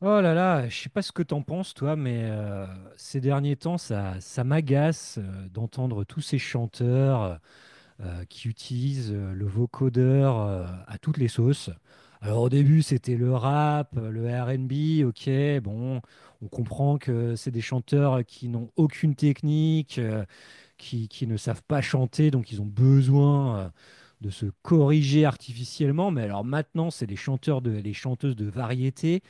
Oh là là, je sais pas ce que t'en penses toi, mais ces derniers temps, ça m'agace, d'entendre tous ces chanteurs qui utilisent le vocodeur, à toutes les sauces. Alors au début, c'était le rap, le R&B. Ok, bon, on comprend que c'est des chanteurs qui n'ont aucune technique, qui ne savent pas chanter, donc ils ont besoin, de se corriger artificiellement. Mais alors maintenant, c'est les les chanteuses de variété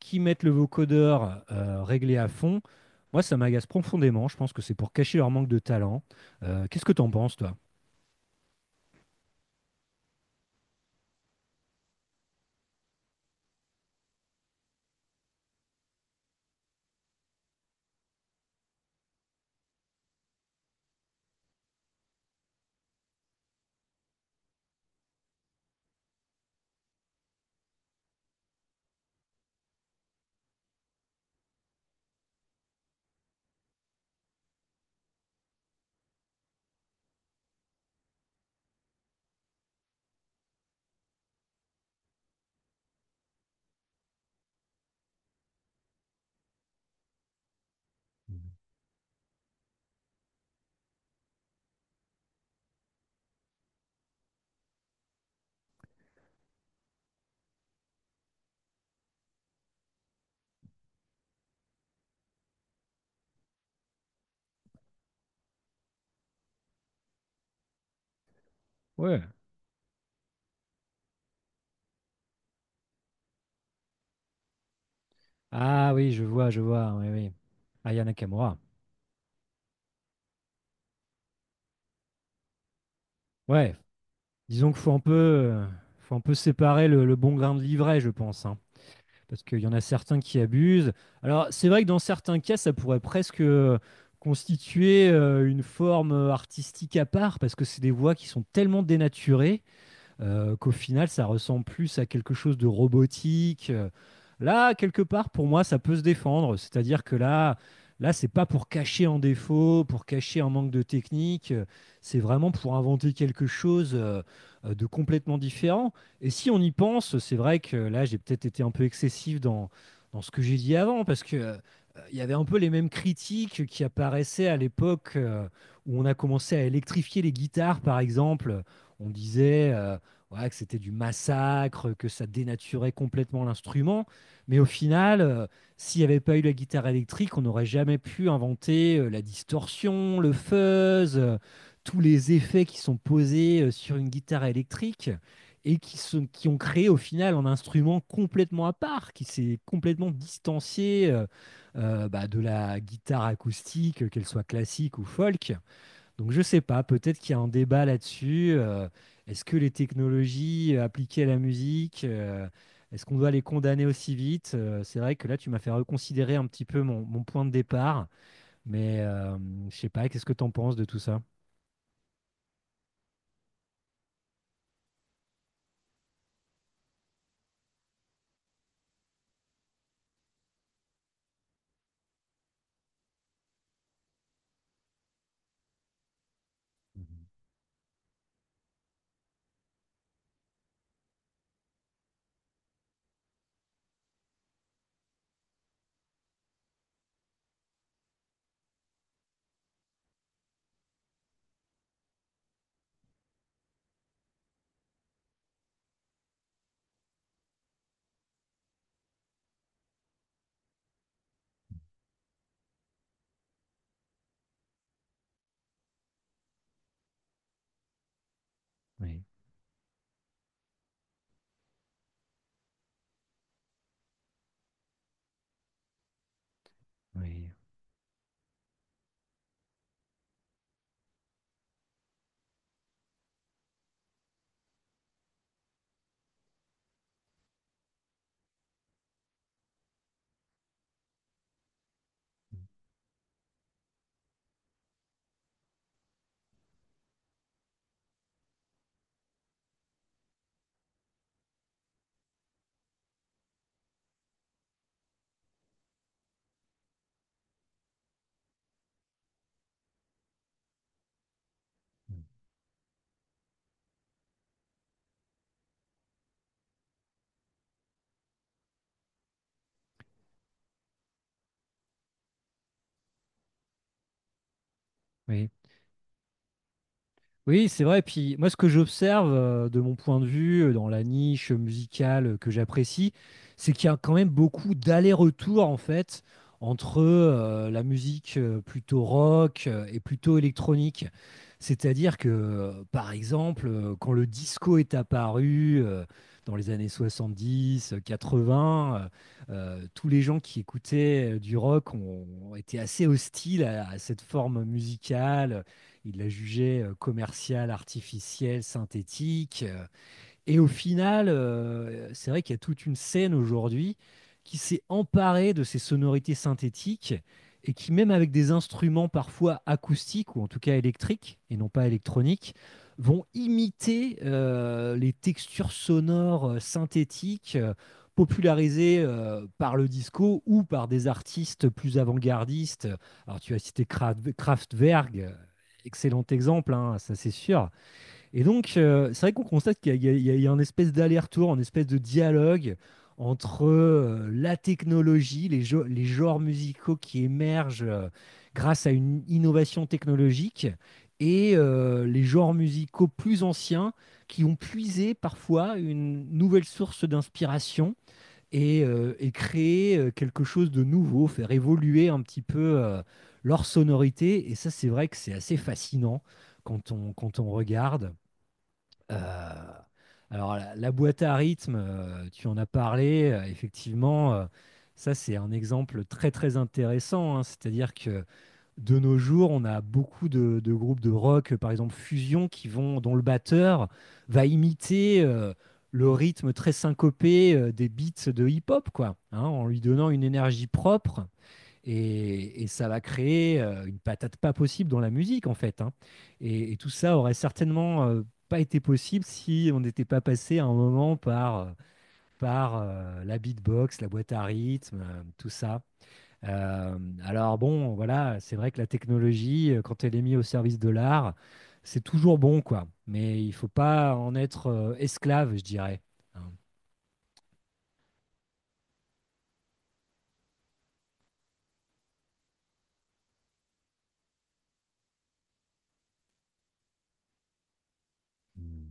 qui mettent le vocodeur réglé à fond. Moi, ça m'agace profondément. Je pense que c'est pour cacher leur manque de talent. Qu'est-ce que t'en penses, toi? Ouais. Ah oui, je vois, je vois. Oui, oui. Aya Nakamura. Ouais, disons qu'il faut un peu séparer le bon grain de l'ivraie, je pense, hein. Parce qu'il y en a certains qui abusent. Alors, c'est vrai que dans certains cas, ça pourrait presque constituer une forme artistique à part, parce que c'est des voix qui sont tellement dénaturées qu'au final, ça ressemble plus à quelque chose de robotique. Là, quelque part, pour moi, ça peut se défendre. C'est-à-dire que là, c'est pas pour cacher un défaut, pour cacher un manque de technique. C'est vraiment pour inventer quelque chose de complètement différent. Et si on y pense, c'est vrai que là, j'ai peut-être été un peu excessif dans, dans ce que j'ai dit avant, parce que il y avait un peu les mêmes critiques qui apparaissaient à l'époque où on a commencé à électrifier les guitares, par exemple. On disait, ouais, que c'était du massacre, que ça dénaturait complètement l'instrument. Mais au final, s'il n'y avait pas eu la guitare électrique, on n'aurait jamais pu inventer la distorsion, le fuzz, tous les effets qui sont posés sur une guitare électrique et qui ont créé au final un instrument complètement à part, qui s'est complètement distancié, bah, de la guitare acoustique, qu'elle soit classique ou folk. Donc je sais pas, peut-être qu'il y a un débat là-dessus. Est-ce que les technologies appliquées à la musique, est-ce qu'on doit les condamner aussi vite? C'est vrai que là, tu m'as fait reconsidérer un petit peu mon, mon point de départ, mais je sais pas, qu'est-ce que tu en penses de tout ça? Mhm. Oui, oui, oui. Oui. Oui, c'est vrai. Puis moi, ce que j'observe de mon point de vue, dans la niche musicale que j'apprécie, c'est qu'il y a quand même beaucoup d'allers-retours en fait entre la musique plutôt rock et plutôt électronique. C'est-à-dire que, par exemple, quand le disco est apparu, dans les années 70, 80, tous les gens qui écoutaient du rock ont été assez hostiles à cette forme musicale. Il la jugeait commerciale, artificielle, synthétique. Et au final, c'est vrai qu'il y a toute une scène aujourd'hui qui s'est emparée de ces sonorités synthétiques et qui, même avec des instruments parfois acoustiques ou en tout cas électriques et non pas électroniques, vont imiter les textures sonores synthétiques popularisées par le disco ou par des artistes plus avant-gardistes. Alors tu as cité Kraftwerk. Excellent exemple, hein, ça c'est sûr. Et donc, c'est vrai qu'on constate qu'il y, a- il y a il y a un espèce d'aller-retour, un espèce de dialogue entre la technologie, les genres musicaux qui émergent grâce à une innovation technologique, et les genres musicaux plus anciens qui ont puisé parfois une nouvelle source d'inspiration et créé quelque chose de nouveau, faire évoluer un petit peu leur sonorité. Et ça, c'est vrai que c'est assez fascinant quand on regarde. Euh, alors, la boîte à rythme, tu en as parlé, effectivement, ça c'est un exemple très très intéressant, hein. C'est-à-dire que de nos jours, on a beaucoup de groupes de rock, par exemple Fusion, qui vont, dont le batteur va imiter le rythme très syncopé des beats de hip-hop, quoi, hein, en lui donnant une énergie propre. Et ça va créer une patate pas possible dans la musique, en fait, hein. Et tout ça aurait certainement pas été possible si on n'était pas passé à un moment par la beatbox, la boîte à rythme, tout ça. Euh, alors bon, voilà, c'est vrai que la technologie, quand elle est mise au service de l'art, c'est toujours bon, quoi. Mais il faut pas en être esclave, je dirais, hein. Mm.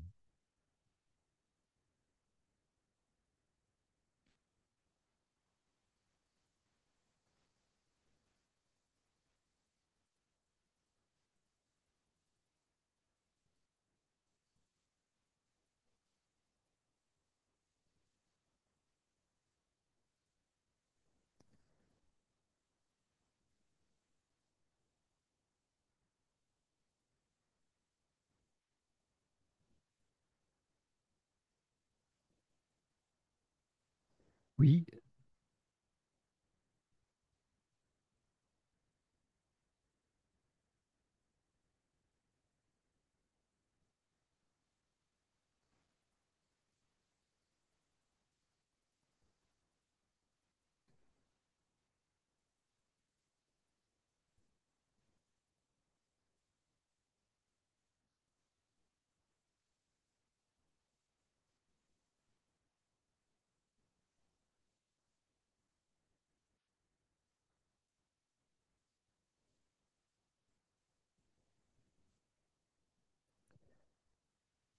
Oui.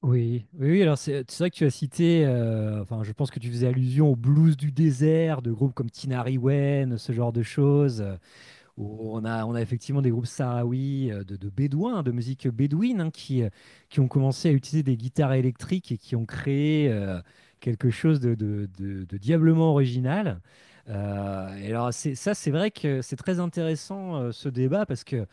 Oui, oui, oui, alors c'est vrai que tu as cité, enfin je pense que tu faisais allusion aux blues du désert, de groupes comme Tinari Wen, ce genre de choses, où on a effectivement des groupes sahraouis, de bédouins, de musique bédouine, hein, qui ont commencé à utiliser des guitares électriques et qui ont créé quelque chose de diablement original. Et alors ça c'est vrai que c'est très intéressant ce débat parce que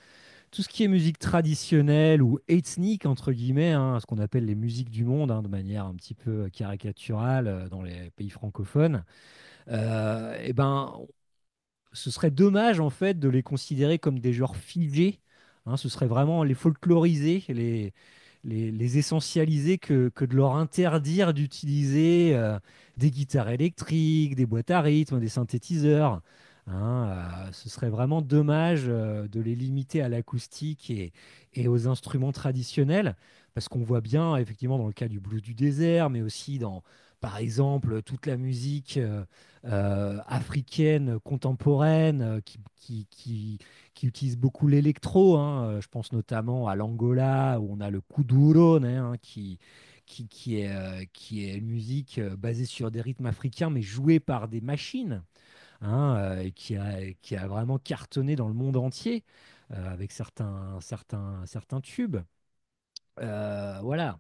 tout ce qui est musique traditionnelle ou ethnique, entre guillemets, hein, ce qu'on appelle les musiques du monde, hein, de manière un petit peu caricaturale dans les pays francophones, eh ben, ce serait dommage en fait de les considérer comme des joueurs figés, hein. Ce serait vraiment les folkloriser, les essentialiser que de leur interdire d'utiliser des guitares électriques, des boîtes à rythme, des synthétiseurs, hein. Ce serait vraiment dommage de les limiter à l'acoustique et aux instruments traditionnels, parce qu'on voit bien effectivement dans le cas du blues du désert, mais aussi dans, par exemple, toute la musique. Africaine contemporaine, qui utilise beaucoup l'électro, hein. Je pense notamment à l'Angola où on a le kuduro, hein, qui est une musique basée sur des rythmes africains mais jouée par des machines, hein, et qui a vraiment cartonné dans le monde entier avec certains tubes. Voilà.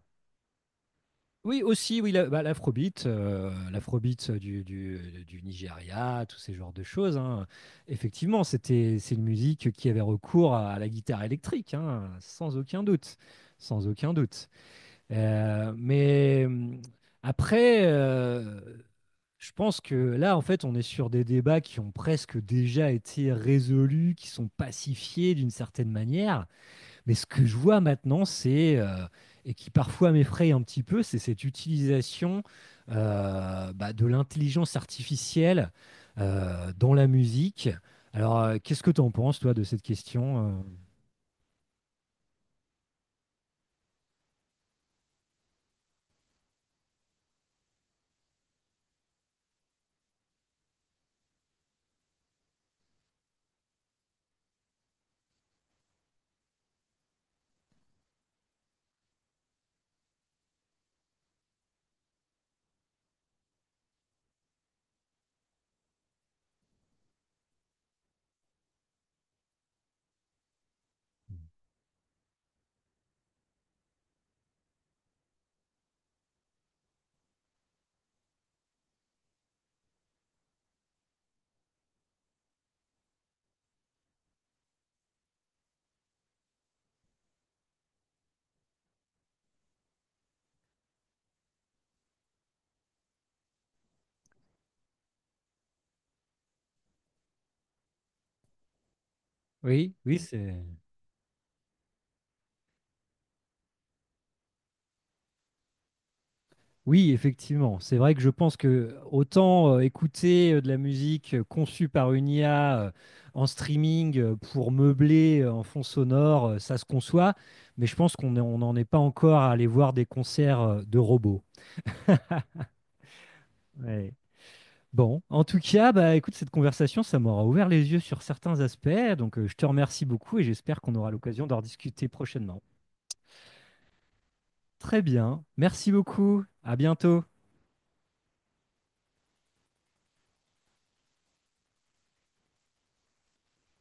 Oui, aussi, oui, bah, l'afrobeat, l'afrobeat du Nigeria, tous ces genres de choses, hein. Effectivement, c'est une musique qui avait recours à la guitare électrique, hein, sans aucun doute, sans aucun doute. Mais après, je pense que là, en fait, on est sur des débats qui ont presque déjà été résolus, qui sont pacifiés d'une certaine manière. Mais ce que je vois maintenant, c'est, et qui parfois m'effraie un petit peu, c'est cette utilisation bah, de l'intelligence artificielle dans la musique. Alors, qu'est-ce que tu en penses, toi, de cette question? Oui, oui, c'est. Oui, effectivement. C'est vrai que je pense que autant écouter de la musique conçue par une IA, en streaming, pour meubler en fond sonore, ça se conçoit, mais je pense qu'on on n'en est pas encore à aller voir des concerts de robots. Ouais. Bon, en tout cas, bah écoute, cette conversation, ça m'aura ouvert les yeux sur certains aspects, donc je te remercie beaucoup et j'espère qu'on aura l'occasion d'en rediscuter prochainement. Très bien, merci beaucoup, à bientôt.